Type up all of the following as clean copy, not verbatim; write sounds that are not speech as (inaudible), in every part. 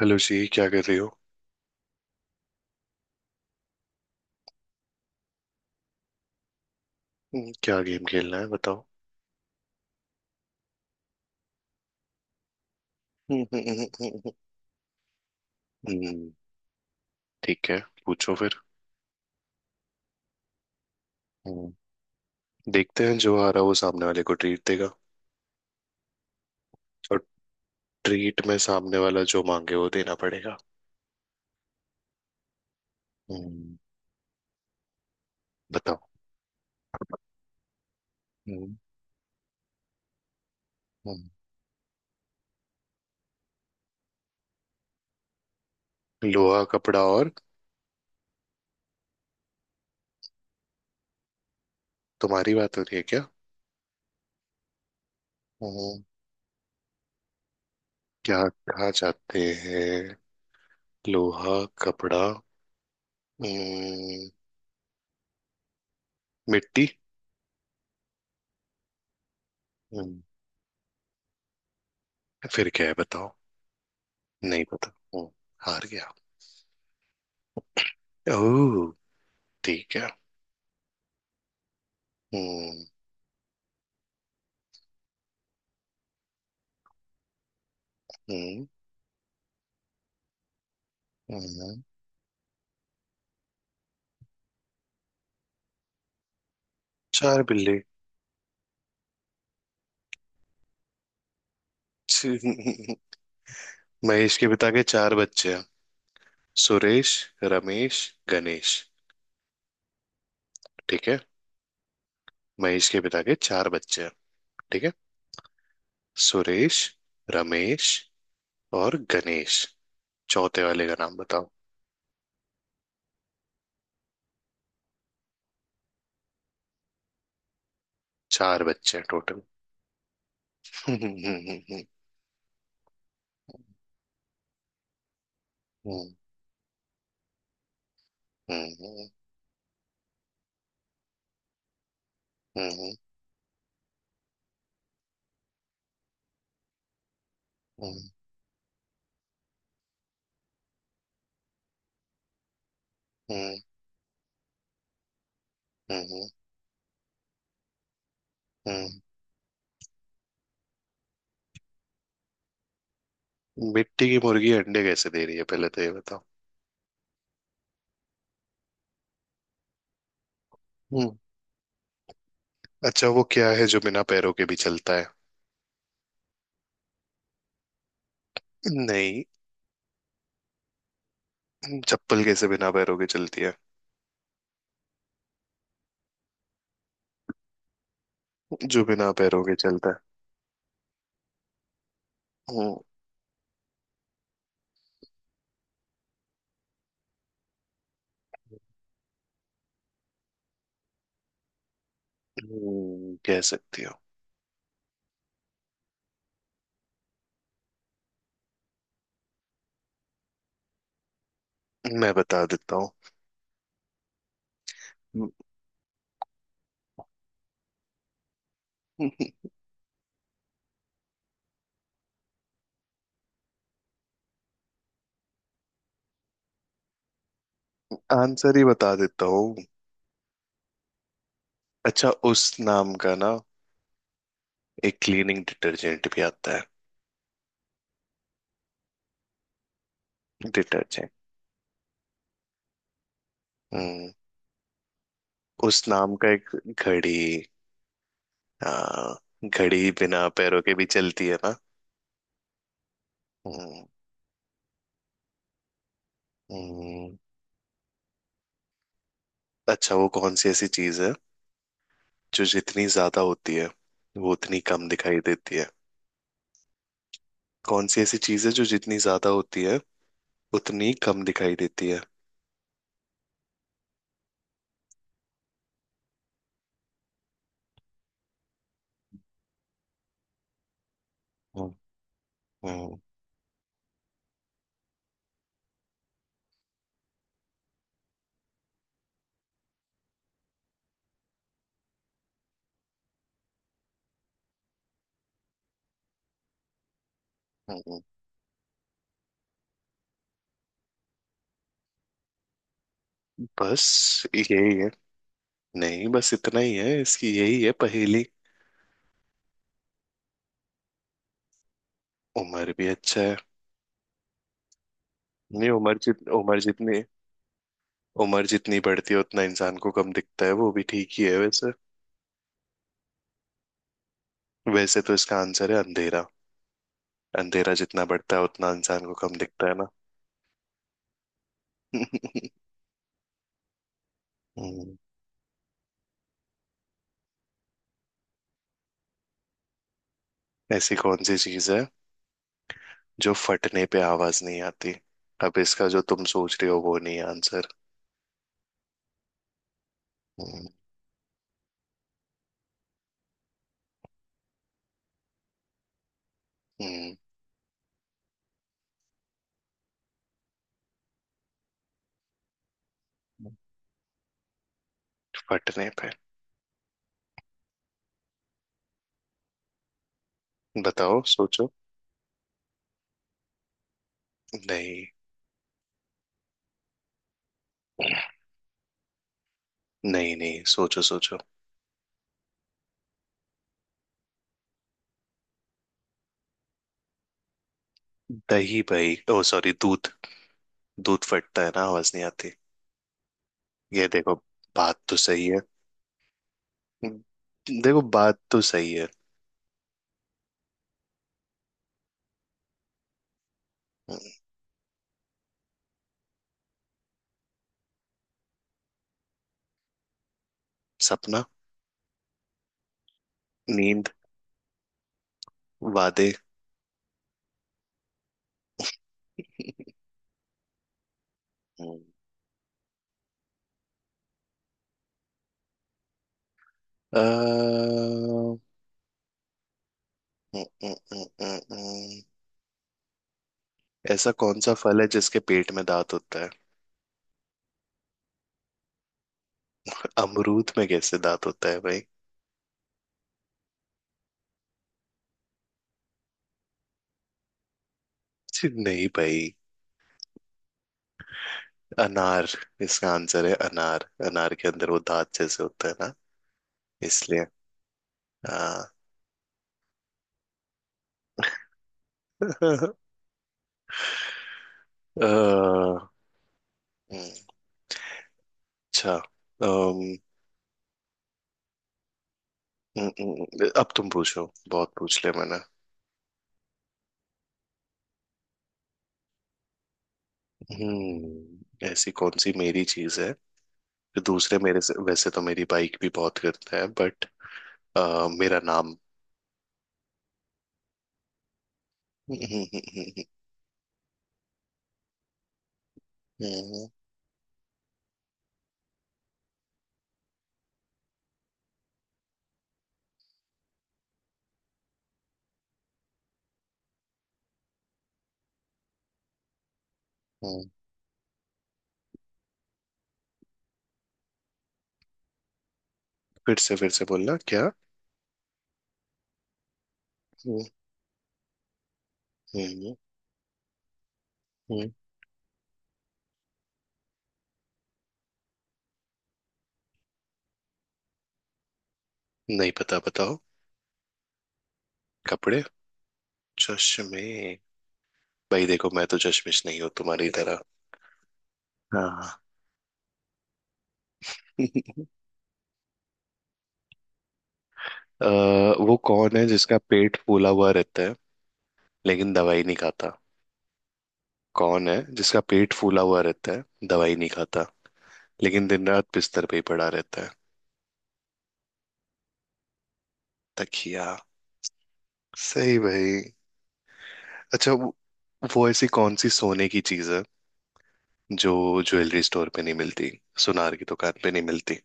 Hello ji, क्या कर रही हो? हम्म। क्या गेम खेलना है, बताओ? (laughs) हम्म। ठीक है। पूछो फिर। हम्म। देखते हैं, जो आ रहा है वो सामने वाले को ट्रीट देगा। और ट्रीट में सामने वाला जो मांगे वो देना पड़ेगा। हम्म। बताओ। हम्म। हम्म। लोहा, कपड़ा और? तुम्हारी बात हो रही है क्या? हम्म। क्या? खा जाते हैं लोहा, कपड़ा, हम्म, मिट्टी? हम्म। फिर क्या है, बताओ? नहीं पता। हम्म। हार गया। ओह, ठीक है। हम्म। हम्म। हम्म। चार बिल्ली। छी- महेश के पिता के चार बच्चे हैं। सुरेश, रमेश, गणेश। ठीक है। महेश के पिता के चार बच्चे हैं। ठीक है। सुरेश, रमेश और गणेश। चौथे वाले का नाम बताओ। चार बच्चे हैं टोटल। मिट्टी की मुर्गी अंडे कैसे दे रही है, पहले तो ये बताओ। हम्म। अच्छा, वो क्या है जो बिना पैरों के भी चलता है? नहीं। चप्पल कैसे बिना पैरों के चलती है? जो बिना पैरों के चलता है। हम्म, कह सकती हो। मैं बता देता हूँ। (laughs) आंसर ही बता देता हूँ। अच्छा, उस नाम का ना एक क्लीनिंग डिटर्जेंट भी आता है। डिटर्जेंट। हम्म। उस नाम का एक। घड़ी। हाँ। घड़ी बिना पैरों के भी चलती है ना? हम्म। हम्म। अच्छा, वो कौन सी ऐसी चीज है जो जितनी ज्यादा होती है वो उतनी कम दिखाई देती है? कौन सी ऐसी चीज है जो जितनी ज्यादा होती है उतनी कम दिखाई देती है? हम्म। हम्म। हम्म। बस। यही है। नहीं, बस इतना ही है इसकी, यही है पहेली। उम्र भी? अच्छा है। नहीं, उम्र जितनी। उम्र जितनी बढ़ती है उतना इंसान को कम दिखता है, वो भी ठीक ही है वैसे। वैसे तो इसका आंसर है अंधेरा। अंधेरा जितना बढ़ता है उतना इंसान को कम दिखता है ना। (laughs) हम्म। ऐसी कौन सी चीज है जो फटने पे आवाज नहीं आती? अब इसका जो तुम सोच रहे हो वो नहीं आंसर। हम्म। हम्म। फटने पे। बताओ, सोचो। नहीं। नहीं, नहीं, सोचो सोचो। दही भाई, ओ सॉरी, दूध। दूध फटता है ना, आवाज नहीं आती। ये देखो। बात तो सही है। हम्म, देखो, बात तो सही है। हम्म। सपना। नींद। वादे। हम्म, अ, हम्म, हम्म, हम्म, हम्म, हम्म। ऐसा कौन सा फल है जिसके पेट में दांत होता है? अमरूद में कैसे दांत होता है भाई? छी, नहीं भाई। अनार। इसका आंसर है अनार। अनार के अंदर वो दांत जैसे होता है ना। इसलिए। हाँ। (laughs) अ, हम्म, अच्छा, अब तुम पूछो, बहुत पूछ लिया मैंने। हम्म। ऐसी कौन सी मेरी चीज है जो दूसरे मेरे से? वैसे तो मेरी बाइक भी बहुत करता है बट। मेरा नाम। (laughs) हम्म। हम्म। हम्म। हम्म। फिर से बोलना, क्या? हम्म। हम्म। हम्म। नहीं पता, बताओ। कपड़े। चश्मे। भाई देखो, मैं तो चश्मिश नहीं हूँ तुम्हारी तरह। हाँ। (laughs) वो कौन है जिसका पेट फूला हुआ रहता है, लेकिन दवाई नहीं खाता? कौन है जिसका पेट फूला हुआ रहता है, दवाई नहीं खाता, लेकिन दिन रात बिस्तर पे ही पड़ा रहता है? तकिया। सही भाई। अच्छा, वो ऐसी कौन सी सोने की चीज है जो ज्वेलरी स्टोर पे नहीं मिलती, सुनार की दुकान पे नहीं मिलती?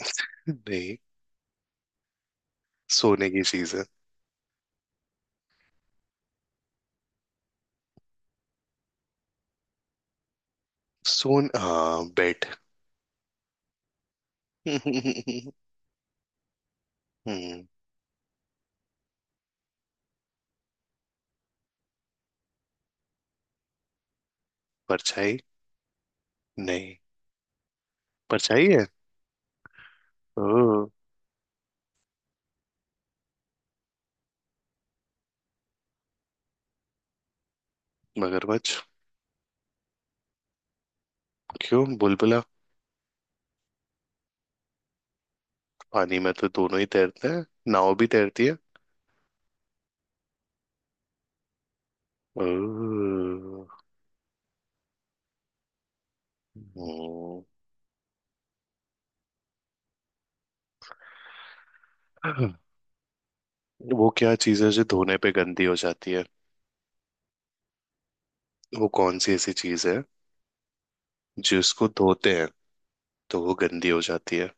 (laughs) नहीं। सोने की चीज है। सोन हाँ, बेड। (laughs) हम्म। परछाई। नहीं। परछाई है। ओ। मगरमच्छ। क्यों? बुलबुला। पानी में तो दोनों ही तैरते हैं। नाव भी तैरती है। ओ, हम्म। वो क्या चीज है जो धोने पे गंदी हो जाती है? वो कौन सी ऐसी चीज है जिसको धोते हैं तो वो गंदी हो जाती है?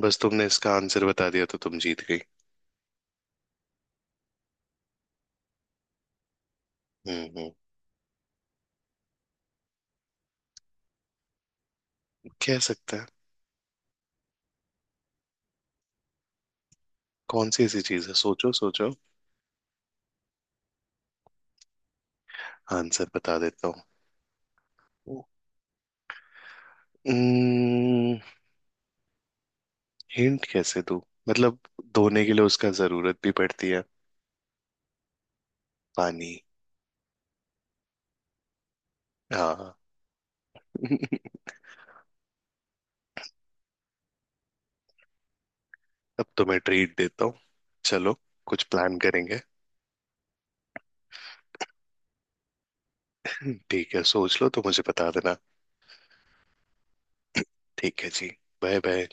बस, तुमने इसका आंसर बता दिया तो तुम जीत गई। हम्म। हम्म। कह सकते हैं। कौन सी ऐसी चीज है, सोचो सोचो। आंसर बता देता हूँ। हम्म। हिंट कैसे दूं? मतलब, धोने के लिए उसका जरूरत भी पड़ती है। पानी। हाँ। (laughs) अब तो मैं ट्रीट देता हूँ। चलो, कुछ प्लान करेंगे। ठीक है, सोच लो तो मुझे बता देना। ठीक है जी। Bye bye.